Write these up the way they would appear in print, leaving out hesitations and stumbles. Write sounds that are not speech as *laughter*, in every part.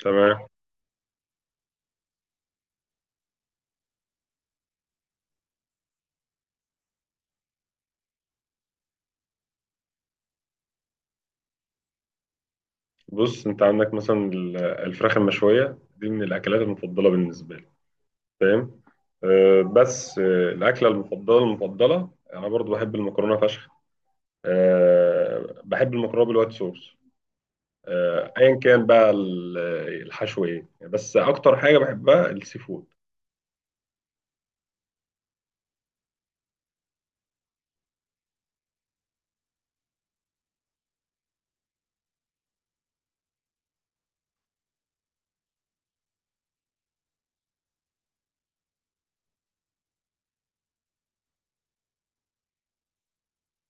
تمام. بص، انت عندك مثلا الفراخ المشويه دي من الاكلات المفضله بالنسبه لي، فاهم؟ أه، بس أه، الاكله المفضله المفضله انا برضو بحب المكرونه فشخ. أه، بحب المكرونه بالوايت صوص. أه، ايا كان بقى الحشو ايه، بس اكتر حاجه بحبها السي فود.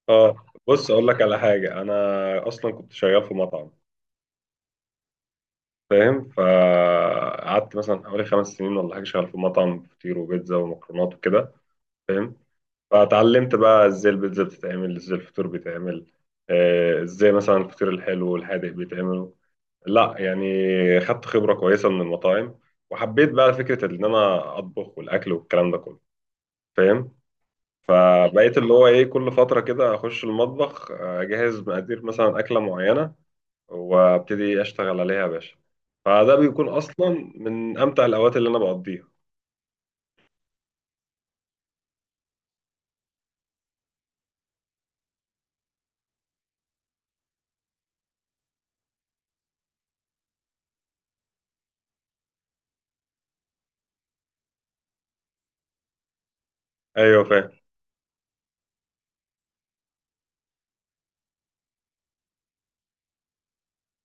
اه، بص اقول لك على حاجه، انا اصلا كنت شغال في مطعم، فاهم؟ فقعدت مثلا حوالي 5 سنين ولا حاجه شغال في مطعم فطير وبيتزا ومكرونات وكده، فاهم؟ فتعلمت بقى ازاي البيتزا بتتعمل، ازاي الفطور بيتعمل، ازاي مثلا الفطير الحلو والحادق بيتعملوا. لا يعني، خدت خبرة كويسة من المطاعم وحبيت بقى فكرة ان انا اطبخ والاكل والكلام ده كله، فاهم؟ فبقيت اللي هو ايه، كل فترة كده اخش المطبخ، اجهز مقادير مثلا اكلة معينة وابتدي اشتغل عليها يا باشا. فده بيكون اصلا من امتع الاوقات اللي انا بقضيها. ايوه، فاهم.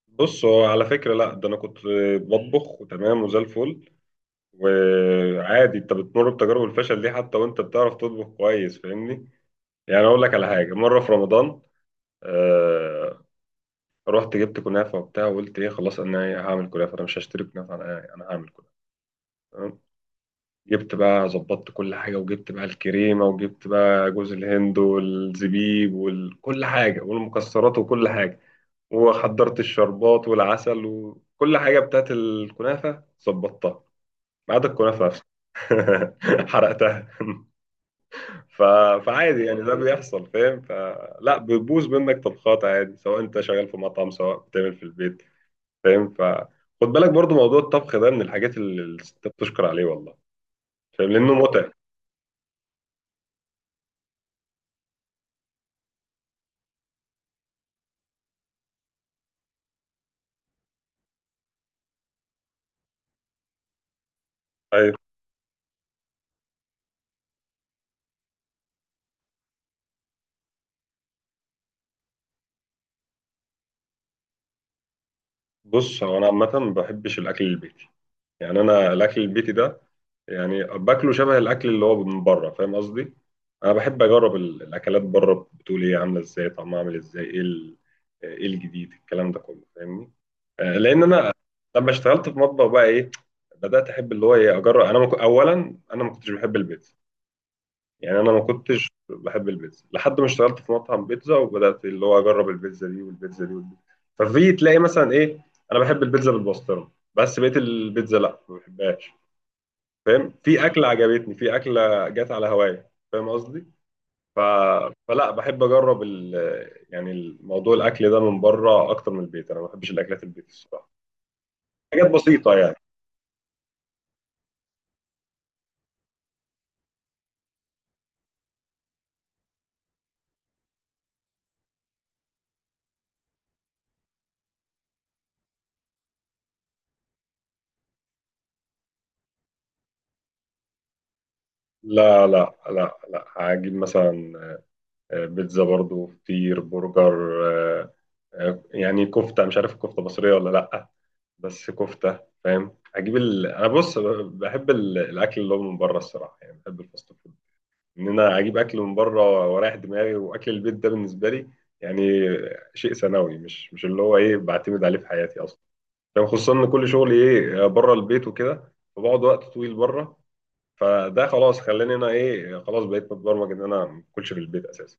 بص، هو على فكرة لا، ده أنا كنت بطبخ وتمام وزي الفل. وعادي أنت بتمر بتجارب الفشل دي، حتى وأنت بتعرف تطبخ كويس، فاهمني؟ يعني أقول لك على حاجة، مرة في رمضان، آه رحت جبت كنافة وبتاع، وقلت إيه خلاص، أنا إيه هعمل كنافة، أنا مش هشتري كنافة، أنا إيه، أنا هعمل كنافة. تمام؟ جبت بقى، ظبطت كل حاجة، وجبت بقى الكريمة، وجبت بقى جوز الهند والزبيب وكل حاجة والمكسرات وكل حاجة، وحضرت الشربات والعسل وكل حاجة بتاعت الكنافة، ظبطتها ما عدا الكنافة نفسها. *laughs* حرقتها. *laughs* ف... فعادي يعني، ده بيحصل، فاهم؟ فلا، بتبوظ منك طبخات عادي، سواء انت شغال في مطعم سواء بتعمل في البيت، فاهم؟ فخد بالك برضو، موضوع الطبخ ده من الحاجات اللي الستات بتشكر عليه والله، فاهم؟ لأنه متعب. أيوة. بص، هو أنا عامة ما بحبش الأكل البيتي، يعني أنا الأكل البيتي ده يعني باكله شبه الاكل اللي هو من بره، فاهم قصدي؟ انا بحب اجرب الاكلات بره، بتقول ايه، عامله ازاي، طعمها عامل ازاي، ايه ايه الجديد، الكلام ده كله، فاهمني؟ لان انا لما اشتغلت في مطبخ بقى ايه، بدات احب اللي هو ايه، اجرب انا اولا انا ما كنتش بحب البيتزا. يعني انا ما كنتش بحب البيتزا لحد ما اشتغلت في مطعم بيتزا، وبدات اللي هو اجرب البيتزا دي والبيتزا دي والبيتزا. ففي تلاقي مثلا ايه، انا بحب البيتزا بالبسطرمه، بس بقيت البيتزا لا، ما بحبهاش، فاهم؟ في اكله عجبتني، في اكله جت على هوايا، فاهم قصدي؟ ف... فلا بحب اجرب يعني الموضوع الاكل ده من بره اكتر من البيت، انا ما بحبش الاكلات البيت الصراحه، حاجات بسيطه يعني. لا لا لا لا، هجيب مثلا بيتزا برضو، فطير، برجر، آه، يعني كفته، مش عارف الكفته مصريه ولا لا، بس كفته، فاهم؟ هجيب انا بص، بحب الاكل اللي هو من بره الصراحه، يعني بحب الفاست فود، ان انا اجيب اكل من بره واريح دماغي. واكل البيت ده بالنسبه لي يعني شيء ثانوي، مش اللي هو ايه بعتمد عليه في حياتي اصلا. يعني خصوصا ان كل شغلي ايه بره البيت وكده، فبقعد وقت طويل بره. فده خلاص، خلاني انا ايه، خلاص بقيت متبرمج ان انا ما اكلش في البيت اساسا.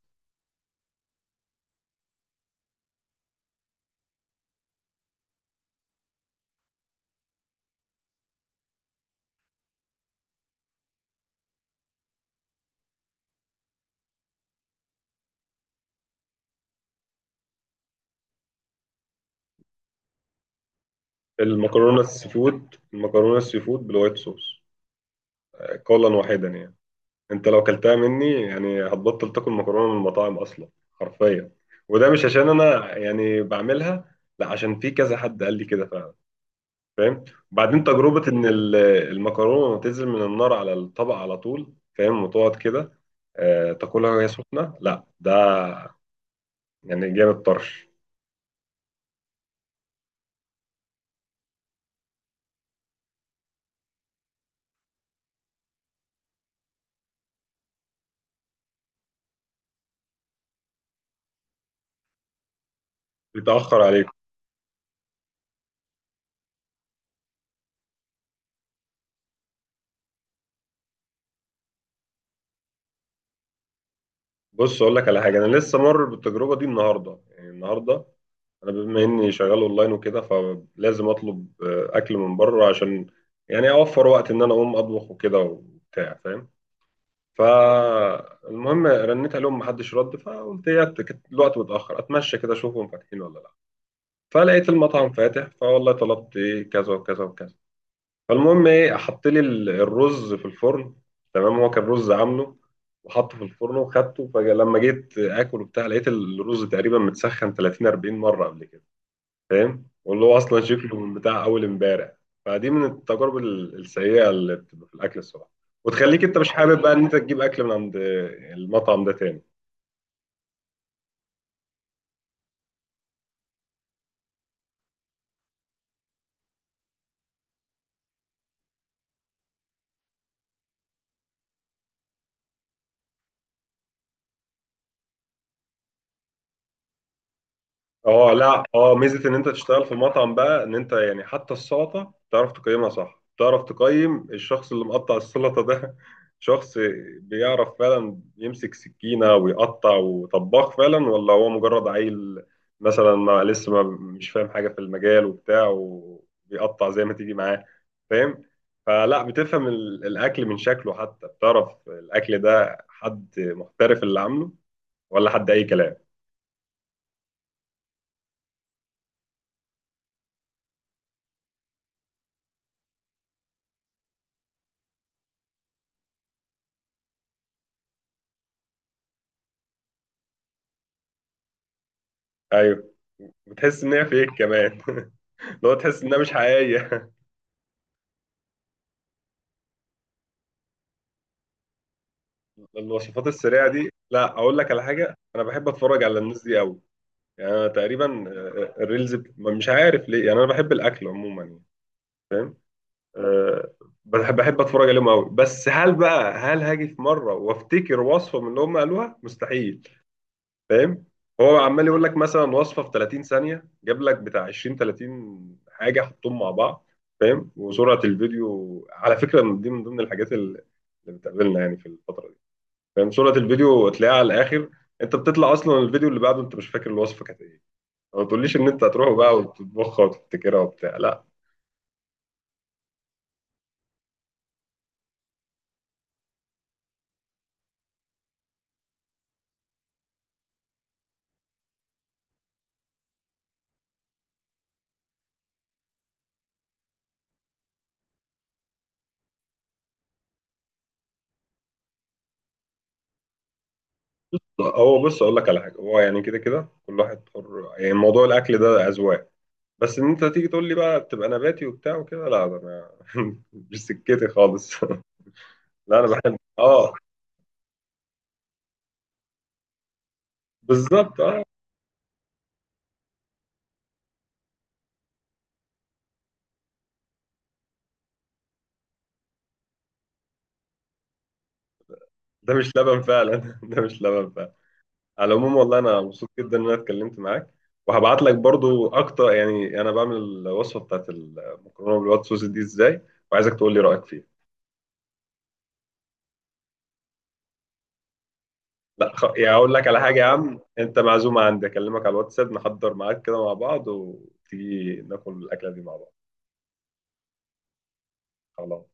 المكرونه السي فود، المكرونه السي فود بالوايت صوص، قولا واحدا يعني. انت لو كلتها مني يعني، هتبطل تاكل مكرونه من المطاعم اصلا، حرفيا. وده مش عشان انا يعني بعملها، لا، عشان في كذا حد قال لي كده فعلا، فاهم؟ وبعدين، تجربه ان المكرونه تنزل من النار على الطبق على طول، فاهم؟ وتقعد كده تاكلها وهي سخنه، لا ده يعني جامد طرش. بيتاخر عليكم. بص اقول لك على حاجه، انا لسه مر بالتجربه دي النهارده، يعني النهارده انا بما اني شغال اونلاين وكده، فلازم اطلب اكل من بره، عشان يعني اوفر وقت ان انا اقوم اطبخ وكده وبتاع، فاهم؟ فالمهم، رنيت عليهم محدش رد، فقلت الوقت متاخر، اتمشى كده اشوفهم فاتحين ولا لا. فلقيت المطعم فاتح، فوالله طلبت ايه كذا وكذا وكذا. فالمهم ايه، حط لي الرز في الفرن. تمام؟ هو كان رز عامله وحطه في الفرن وخدته، فلما جيت اكل وبتاع، لقيت الرز تقريبا متسخن 30 40 مره قبل كده، فاهم؟ واللي هو اصلا شكله من بتاع اول امبارح. فدي من التجارب السيئه اللي بتبقى في الاكل الصراحه، وتخليك انت مش حابب بقى ان انت تجيب اكل من عند المطعم ده تاني. اه لا، اه، ميزه ان انت تشتغل في مطعم بقى، ان انت يعني حتى السلطه تعرف تقيمها صح، تعرف تقيم الشخص اللي مقطع السلطه ده. *laughs* شخص بيعرف فعلا يمسك سكينه ويقطع، وطباخ فعلا، ولا هو مجرد عيل مثلا ما لسه، ما مش فاهم حاجه في المجال وبتاع، وبيقطع زي ما تيجي معاه، فاهم؟ فلا، بتفهم الاكل من شكله، حتى بتعرف الاكل ده حد محترف اللي عامله ولا حد اي كلام. ايوه. بتحس ان هي فيك كمان. *laughs* اللي هو تحس انها مش حقيقيه. *laughs* الوصفات السريعه دي، لا، اقول لك على حاجه، انا بحب اتفرج على الناس دي قوي. يعني انا تقريبا الريلز مش عارف ليه، يعني انا بحب الاكل عموما يعني، آه، بحب اتفرج عليهم قوي. بس هل بقى هاجي في مره وافتكر وصفه من اللي هم قالوها؟ مستحيل، فاهم؟ هو عمال يقول لك مثلا وصفه في 30 ثانيه، جاب لك بتاع 20 30 حاجه حطهم مع بعض، فاهم؟ وسرعه الفيديو على فكره دي من ضمن الحاجات اللي بتقابلنا يعني في الفتره دي، فاهم؟ صورة الفيديو تلاقيها على الآخر، أنت بتطلع أصلا الفيديو اللي بعده أنت مش فاكر الوصفة كانت إيه، ما تقوليش إن أنت هتروح بقى وتطبخها وتفتكرها وبتاع، لا. هو بص، أقول لك على حاجة، هو يعني كده كده كل واحد حر، يعني موضوع الأكل ده أذواق. بس إن أنت تيجي تقول لي بقى تبقى نباتي وبتاع وكده، لا، ده أنا *laughs* مش سكتي خالص. *laughs* لا، أنا بحب، آه. بالظبط، آه. ده مش لبن فعلا. *laughs* ده مش لبن فعلا. على العموم، والله انا مبسوط جدا ان انا اتكلمت معاك، وهبعت لك برضو اكتر، يعني انا بعمل الوصفه بتاعت المكرونه بالوايت صوص دي ازاي، وعايزك تقول لي رايك فيها. لا، يعني اقول لك على حاجه يا عم، انت معزومه عندي، اكلمك على الواتساب، نحضر معاك كده مع بعض، وتيجي ناكل الاكله دي مع بعض. خلاص.